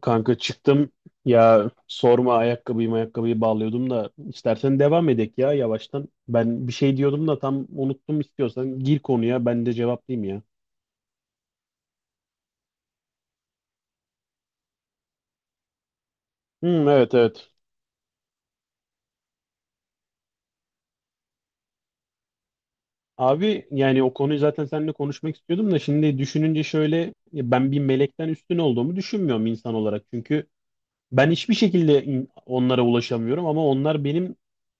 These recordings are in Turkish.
Kanka çıktım ya sorma ayakkabıyı bağlıyordum da istersen devam edek ya yavaştan. Ben bir şey diyordum da tam unuttum, istiyorsan gir konuya ben de cevaplayayım ya. Hmm, evet, evet. Abi yani o konuyu zaten seninle konuşmak istiyordum da şimdi düşününce şöyle, ya ben bir melekten üstün olduğumu düşünmüyorum insan olarak. Çünkü ben hiçbir şekilde onlara ulaşamıyorum, ama onlar benim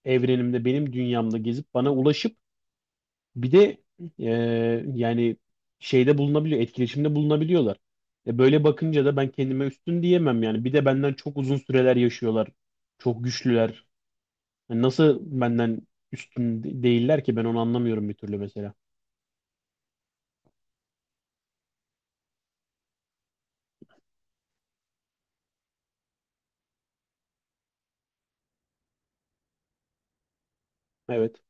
evrenimde, benim dünyamda gezip bana ulaşıp bir de e, yani şeyde bulunabiliyor, etkileşimde bulunabiliyorlar. E, böyle bakınca da ben kendime üstün diyemem yani. Bir de benden çok uzun süreler yaşıyorlar. Çok güçlüler. Yani nasıl benden üstün değiller ki, ben onu anlamıyorum bir türlü mesela. Evet.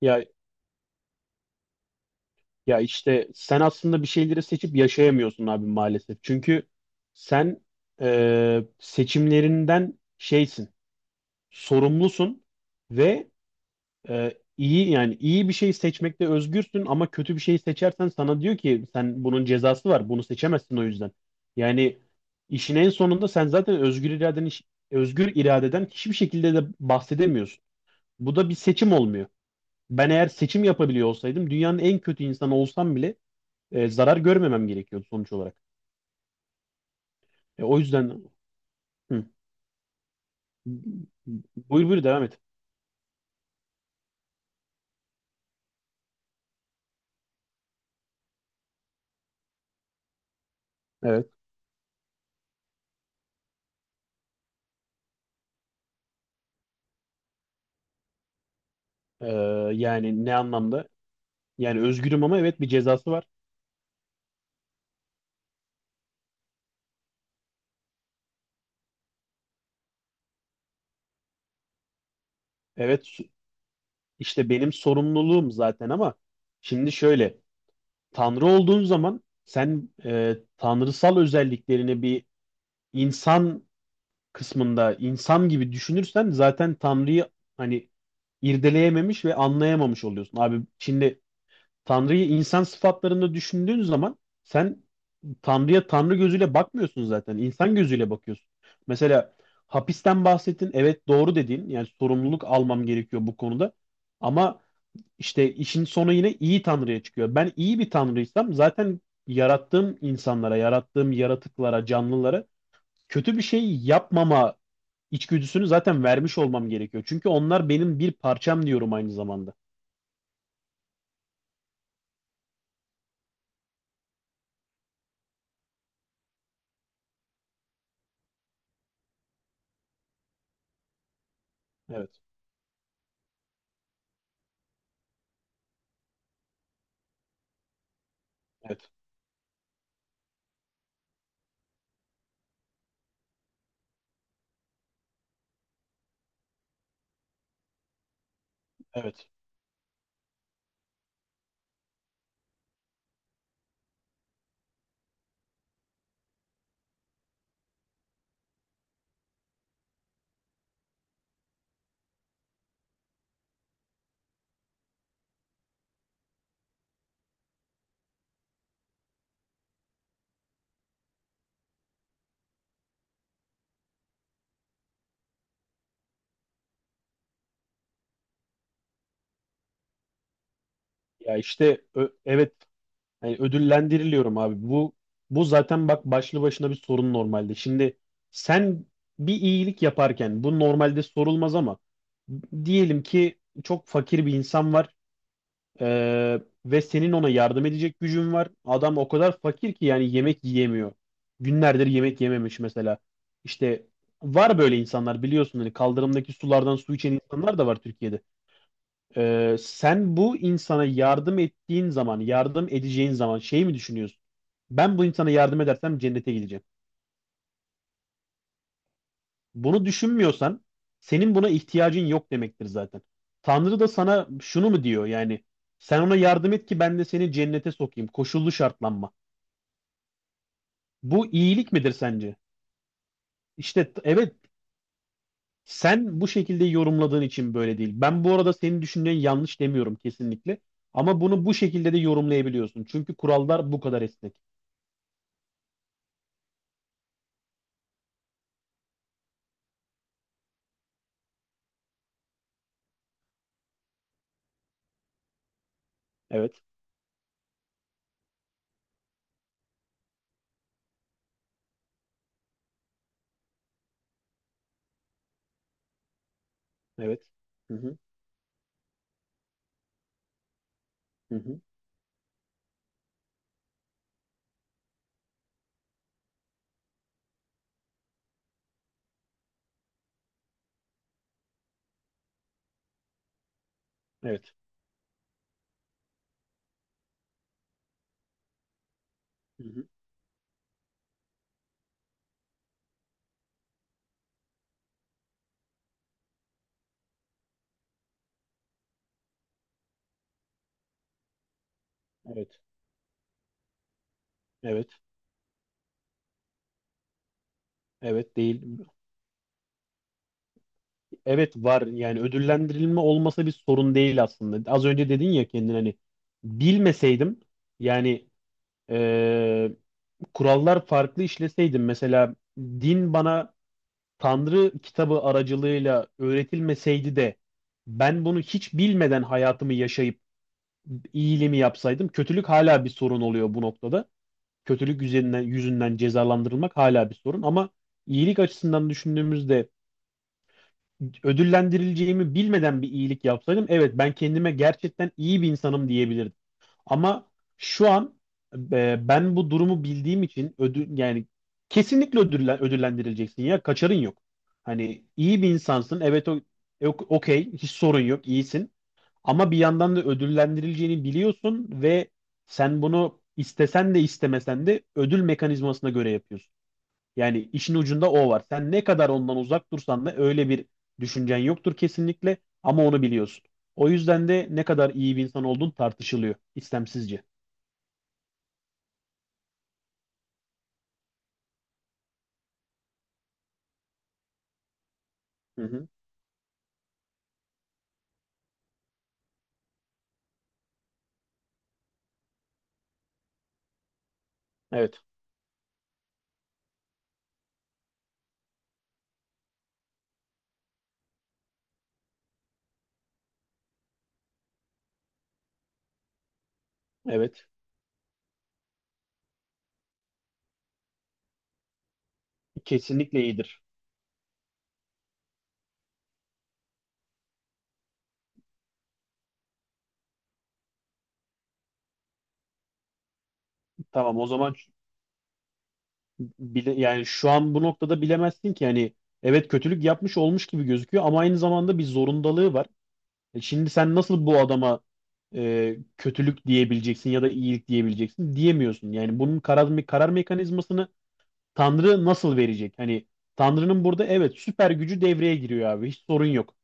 Ya ya işte sen aslında bir şeyleri seçip yaşayamıyorsun abi maalesef. Çünkü sen, seçimlerinden sorumlusun ve iyi, yani iyi bir şey seçmekte özgürsün ama kötü bir şey seçersen sana diyor ki sen bunun cezası var, bunu seçemezsin o yüzden. Yani işin en sonunda sen zaten özgür iradeden hiçbir şekilde de bahsedemiyorsun. Bu da bir seçim olmuyor. Ben eğer seçim yapabiliyor olsaydım dünyanın en kötü insanı olsam bile e, zarar görmemem gerekiyordu sonuç olarak. O yüzden hı. Buyur, buyur devam et. Evet. Ee, yani ne anlamda? Yani özgürüm ama evet bir cezası var. Evet. İşte benim sorumluluğum zaten ama şimdi şöyle, Tanrı olduğun zaman sen tanrısal özelliklerini bir insan kısmında insan gibi düşünürsen zaten Tanrı'yı hani irdeleyememiş ve anlayamamış oluyorsun. Abi şimdi Tanrı'yı insan sıfatlarında düşündüğün zaman sen Tanrı'ya Tanrı gözüyle bakmıyorsun zaten, İnsan gözüyle bakıyorsun. Mesela hapisten bahsettin. Evet, doğru dediğin, yani sorumluluk almam gerekiyor bu konuda. Ama işte işin sonu yine iyi tanrıya çıkıyor. Ben iyi bir tanrıysam zaten yarattığım insanlara, yarattığım yaratıklara, canlılara kötü bir şey yapmama içgüdüsünü zaten vermiş olmam gerekiyor. Çünkü onlar benim bir parçam diyorum aynı zamanda. Evet, evet, evet. Ya işte evet, yani ödüllendiriliyorum abi. Bu bu zaten bak başlı başına bir sorun normalde. Şimdi sen bir iyilik yaparken bu normalde sorulmaz ama diyelim ki çok fakir bir insan var. Ee, Ve senin ona yardım edecek gücün var. Adam o kadar fakir ki yani yemek yiyemiyor. Günlerdir yemek yememiş mesela. İşte var böyle insanlar, biliyorsun hani, kaldırımdaki sulardan su içen insanlar da var Türkiye'de. Sen bu insana yardım ettiğin zaman, yardım edeceğin zaman şey mi düşünüyorsun? Ben bu insana yardım edersem cennete gidecek. Bunu düşünmüyorsan senin buna ihtiyacın yok demektir zaten. Tanrı da sana şunu mu diyor yani, sen ona yardım et ki ben de seni cennete sokayım. Koşullu şartlanma. Bu iyilik midir sence? İşte evet, sen bu şekilde yorumladığın için böyle değil. Ben bu arada senin düşündüğün yanlış demiyorum kesinlikle. Ama bunu bu şekilde de yorumlayabiliyorsun. Çünkü kurallar bu kadar esnek. Evet, evet. Hı hı, hı hı. Evet. Hı hı. Evet, evet, evet değil. Evet var, yani ödüllendirilme olmasa bir sorun değil aslında. Az önce dedin ya kendin hani, bilmeseydim yani, e, kurallar farklı işleseydim, mesela din bana Tanrı kitabı aracılığıyla öğretilmeseydi de ben bunu hiç bilmeden hayatımı yaşayıp iyiliğimi yapsaydım, kötülük hala bir sorun oluyor bu noktada. Kötülük yüzünden cezalandırılmak hala bir sorun, ama iyilik açısından düşündüğümüzde ödüllendirileceğimi bilmeden bir iyilik yapsaydım evet ben kendime gerçekten iyi bir insanım diyebilirdim. Ama şu an e, ben bu durumu bildiğim için ödül, yani kesinlikle ödüllendirileceksin, ya kaçarın yok. Hani iyi bir insansın, evet, o okey, hiç sorun yok, iyisin, ama bir yandan da ödüllendirileceğini biliyorsun ve sen bunu istesen de istemesen de ödül mekanizmasına göre yapıyorsun. Yani işin ucunda o var. Sen ne kadar ondan uzak dursan da, öyle bir düşüncen yoktur kesinlikle, ama onu biliyorsun. O yüzden de ne kadar iyi bir insan olduğun tartışılıyor istemsizce. Hı hı. Evet. Evet. Kesinlikle iyidir. Tamam o zaman yani şu an bu noktada bilemezsin ki hani, evet kötülük yapmış olmuş gibi gözüküyor ama aynı zamanda bir zorundalığı var. E şimdi sen nasıl bu adama kötülük diyebileceksin ya da iyilik diyebileceksin, diyemiyorsun. Yani bunun karar mekanizmasını Tanrı nasıl verecek? Hani Tanrı'nın burada evet süper gücü devreye giriyor abi. Hiç sorun yok.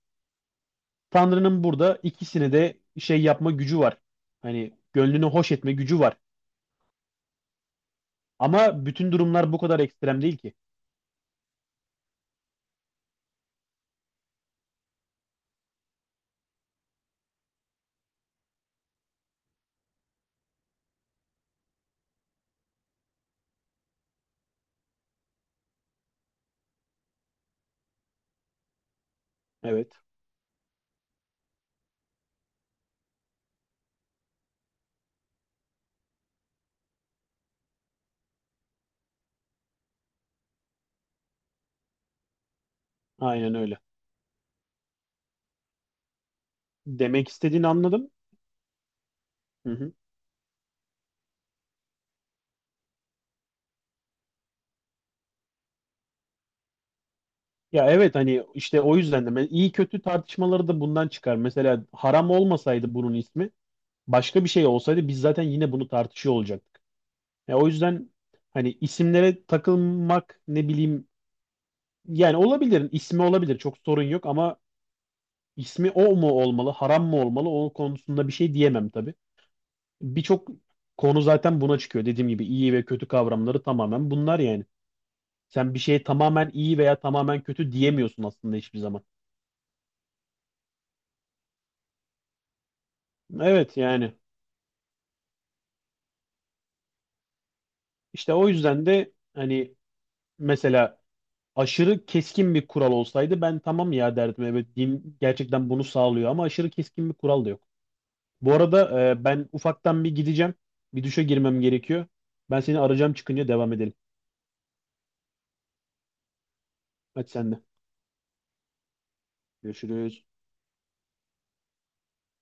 Tanrı'nın burada ikisini de şey yapma gücü var. Hani gönlünü hoş etme gücü var. Ama bütün durumlar bu kadar ekstrem değil ki. Evet, aynen öyle. Demek istediğini anladım. Hı hı. Ya evet, hani işte o yüzden de ben iyi kötü tartışmaları da bundan çıkar. Mesela haram olmasaydı bunun ismi, başka bir şey olsaydı biz zaten yine bunu tartışıyor olacaktık. Ya o yüzden hani isimlere takılmak, ne bileyim, yani olabilir. İsmi olabilir. Çok sorun yok ama ismi o mu olmalı, haram mı olmalı o konusunda bir şey diyemem tabii. Birçok konu zaten buna çıkıyor. Dediğim gibi iyi ve kötü kavramları tamamen bunlar yani. Sen bir şeye tamamen iyi veya tamamen kötü diyemiyorsun aslında hiçbir zaman. Evet yani işte o yüzden de hani mesela aşırı keskin bir kural olsaydı ben tamam ya derdim. Evet din gerçekten bunu sağlıyor ama aşırı keskin bir kural da yok. Bu arada ben ufaktan bir gideceğim. Bir duşa girmem gerekiyor. Ben seni arayacağım, çıkınca devam edelim. Hadi sen de. Görüşürüz.